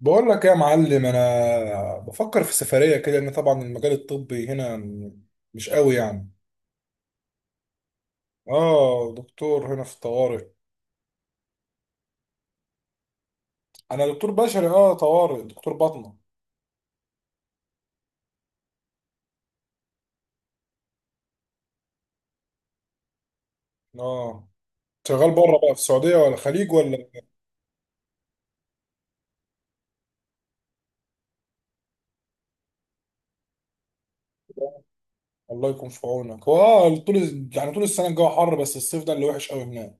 بقول لك إيه يا معلم، انا بفكر في سفريه كده لان طبعا المجال الطبي هنا مش قوي يعني. اه دكتور هنا في الطوارئ. انا دكتور بشري، اه طوارئ، دكتور باطنه. اه شغال بره بقى في السعوديه ولا الخليج ولا الله يكون في عونك؟ هو اه طول يعني طول السنه الجو حر، بس الصيف ده اللي وحش قوي هناك.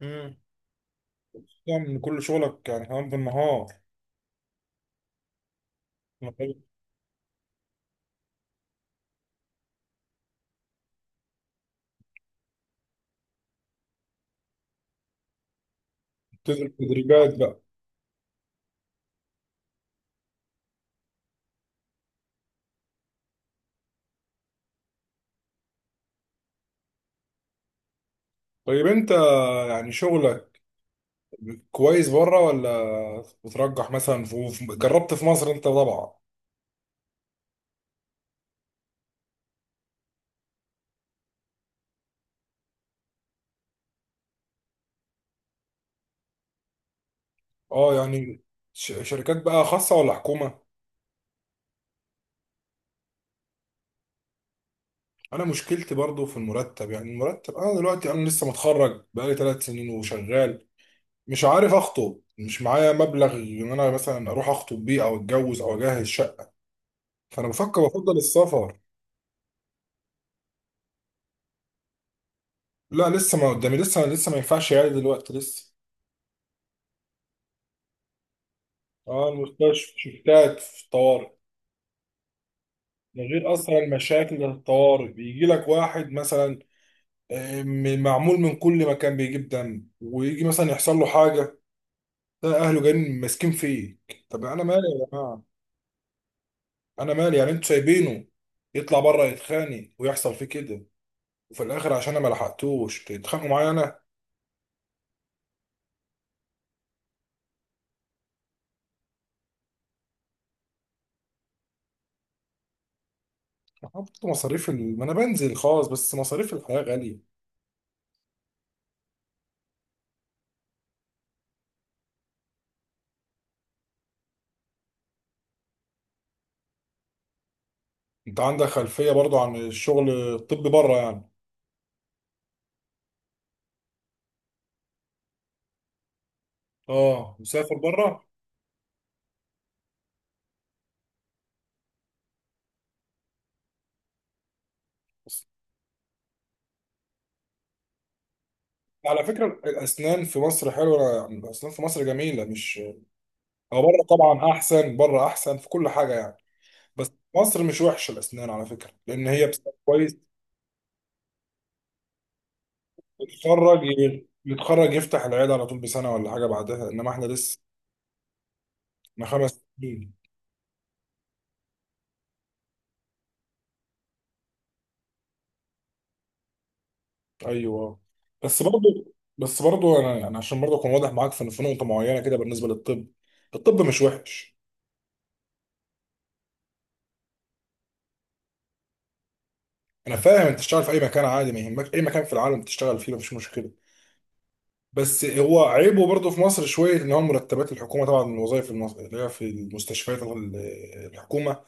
امم يعني كل شغلك يعني كمان بالنهار؟ بتدرب تدريبات بقى؟ طيب انت يعني شغلك كويس بره ولا بترجح مثلا جربت في مصر انت طبعا؟ اه يعني شركات بقى خاصة ولا حكومة؟ انا مشكلتي برضو في المرتب، يعني المرتب، انا دلوقتي انا لسه متخرج بقالي 3 سنين وشغال، مش عارف اخطب، مش معايا مبلغ ان انا مثلا اروح اخطب بيه او اتجوز او اجهز شقة، فانا بفكر بفضل السفر. لا لسه ما قدامي، لسه لسه ما ينفعش يعني دلوقتي لسه. اه المستشفى شفتات في الطوارئ. من غير اصلا المشاكل اللي في الطوارئ، بيجي لك واحد مثلا معمول من كل مكان، بيجيب دم، ويجي مثلا يحصل له حاجه، ده اهله جايين ماسكين فيه. طب انا مالي يا جماعه؟ انا مالي يعني، انتوا سايبينه يطلع بره يتخانق ويحصل فيه كده، وفي الاخر عشان انا ما لحقتوش تتخانقوا معايا انا. حط ما انا بنزل خالص، بس مصاريف الحياه غاليه. انت عندك خلفيه برضو عن الشغل الطبي بره يعني؟ اه مسافر بره. على فكره الاسنان في مصر حلوه يعني، الاسنان في مصر جميله، مش هو بره طبعا احسن، بره احسن في كل حاجه يعني، بس مصر مش وحشه الاسنان على فكره، لان هي بسبب كويس. يتخرج، يتخرج يفتح العياده على طول بسنه ولا حاجه بعدها، انما احنا لسه، احنا 5 سنين. ايوه. بس برضو، بس برضو انا يعني عشان برضو اكون واضح معاك في نقطه معينه كده بالنسبه للطب، الطب مش وحش. انا فاهم، انت تشتغل في اي مكان عادي، ما يهمك اي مكان في العالم تشتغل فيه مفيش مشكله. بس هو عيبه برضه في مصر شويه ان هو مرتبات الحكومه طبعا، من الوظائف اللي هي في المستشفيات الحكومه،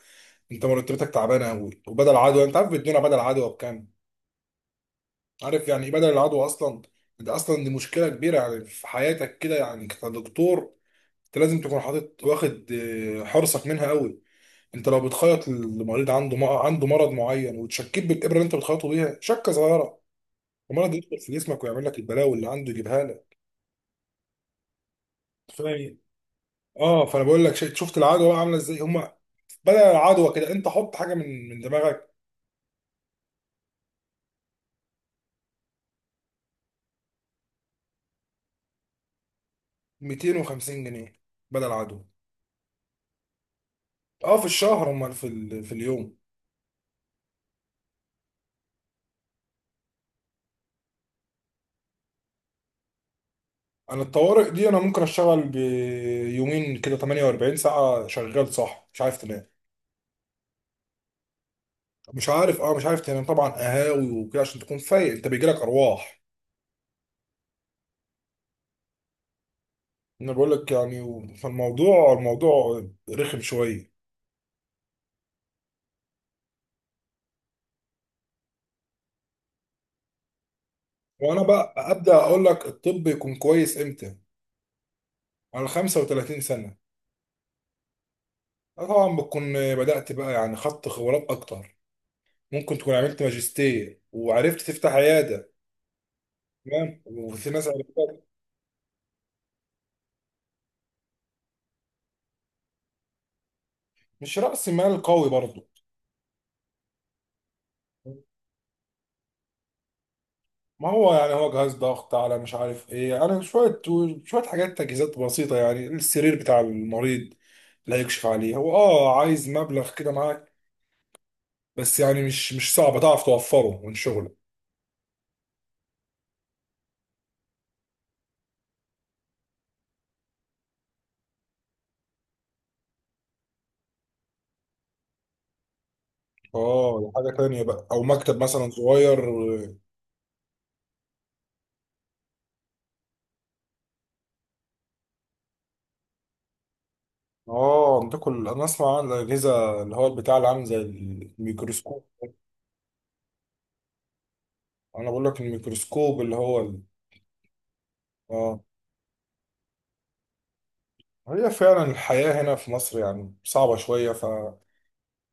انت مرتباتك تعبانه قوي. وبدل عدوى، انت عارف بيدونا بدل عدوى بكام؟ عارف يعني ايه بدل العدوى اصلا؟ ده اصلا دي مشكله كبيره يعني في حياتك كده يعني كدكتور، انت لازم تكون حاطط واخد حرصك منها قوي. انت لو بتخيط المريض عنده عنده مرض معين، وتشكيت بالابره اللي انت بتخيطه بيها شكه صغيره، المرض يدخل في جسمك ويعمل لك البلاوي اللي عنده يجيبها لك. فاهم إيه؟ اه، فانا بقول لك شفت، شفت العدوى بقى عامله ازاي هم؟ بدل العدوى كده، انت حط حاجه من دماغك. 250 جنيه بدل العدوى. اه في الشهر، هم في اليوم. انا الطوارئ دي، انا ممكن اشتغل بيومين كده 48 ساعه شغال، صح، مش عارف تنام، مش عارف، اه مش عارف تنام طبعا، قهاوي وكده عشان تكون فايق، انت بيجيلك ارواح. انا بقول لك يعني، فالموضوع، الموضوع رخم شويه. وانا بقى ابدا اقول لك الطب يكون كويس امتى؟ على 35 سنه. آه طبعا، بتكون بدأت بقى يعني، خدت خبرات أكتر، ممكن تكون عملت ماجستير وعرفت تفتح عيادة. تمام، وفي ناس عرفتها. مش رأس مال قوي برضه. ما هو يعني هو جهاز ضغط، على مش عارف ايه، انا شوية، شوية حاجات تجهيزات بسيطة، يعني السرير بتاع المريض اللي هيكشف عليه، هو اه عايز مبلغ كده معاك، بس يعني مش صعب تعرف توفره من شغلك. اه حاجة تانية بقى، او مكتب مثلا صغير. اه بتاكل. انا اسمع عن الاجهزه اللي هو البتاع اللي عامل زي الميكروسكوب. انا بقول لك الميكروسكوب اللي هو اه. هي فعلا الحياه هنا في مصر يعني صعبه شويه، ف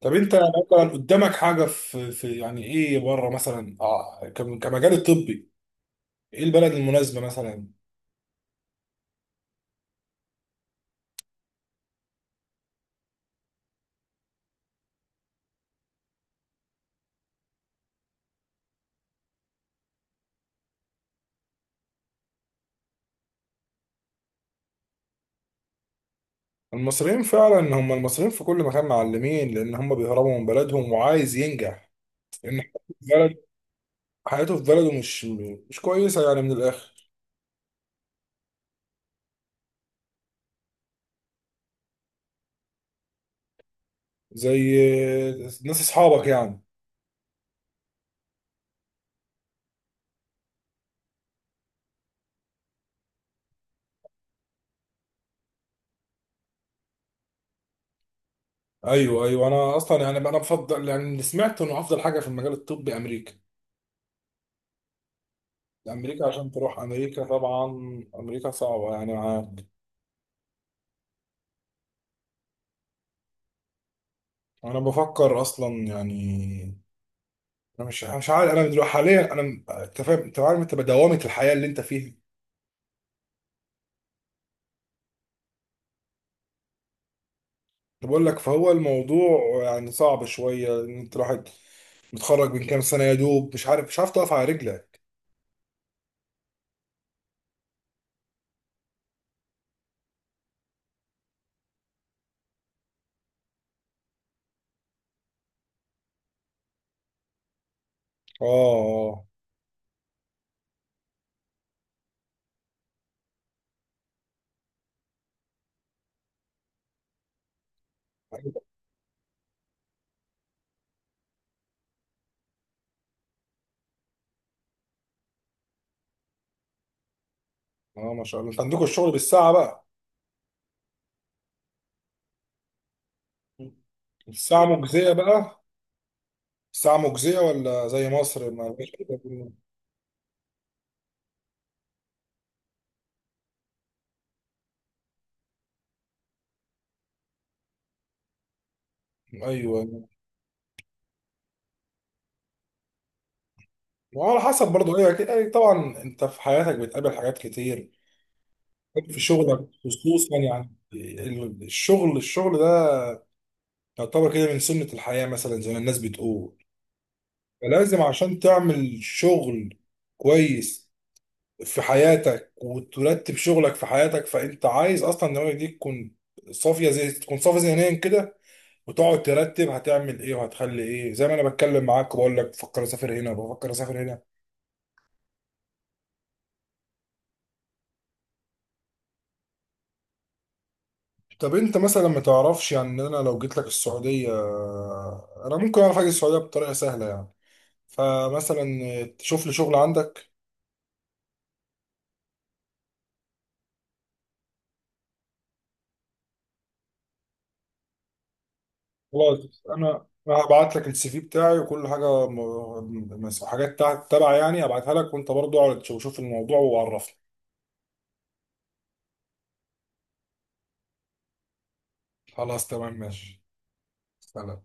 طب انت مثلا قدامك حاجه في يعني ايه بره مثلا، اه كمجال الطبي؟ ايه البلد المناسبه مثلا؟ المصريين فعلا، هم المصريين في كل مكان معلمين، لان هم بيهربوا من بلدهم وعايز ينجح، لان حياته في بلد، حياته في بلده مش كويسه يعني من الاخر. زي ناس اصحابك يعني؟ ايوه ايوه، انا اصلا يعني انا بفضل يعني، اللي سمعت انه افضل حاجه في المجال الطبي امريكا. امريكا عشان تروح امريكا طبعا، امريكا صعبه يعني انا. أنا بفكر اصلا يعني، انا مش عارف، انا دلوقتي حاليا انا انت فاهم، انت عارف، انت بدوامه الحياه اللي انت فيها. أنا بقول لك، فهو الموضوع يعني صعب شويه ان انت الواحد متخرج من كام سنه، يا دوب مش عارف تقف على رجلك. اه. اه. اه ما شاء الله، انت عندكم الشغل بالساعه بقى؟ الساعة مجزية بقى؟ الساعة مجزية ولا زي مصر ما فيش حاجة أيوه. وعلى حسب برضه إيه، أكيد يعني طبعا أنت في حياتك بتقابل حاجات كتير في شغلك، خصوصا يعني الشغل، الشغل ده، يعتبر كده من سنة الحياة مثلا زي ما الناس بتقول، فلازم عشان تعمل شغل كويس في حياتك وترتب شغلك في حياتك، فأنت عايز أصلا دماغك دي تكون صافية، زي تكون صافية ذهنيا كده، وتقعد ترتب هتعمل ايه وهتخلي ايه. زي ما انا بتكلم معاك وبقول لك بفكر اسافر هنا، بفكر اسافر هنا. طب انت مثلا ما تعرفش يعني، انا لو جيت لك السعوديه، انا ممكن اعرف اجي السعوديه بطريقه سهله يعني، فمثلا تشوف لي شغل عندك. خلاص، انا انا هبعت لك السي في بتاعي وكل حاجه، حاجات تبع يعني، ابعتها لك، وانت برضو اقعد شوف الموضوع وعرفني. خلاص تمام ماشي. سلام.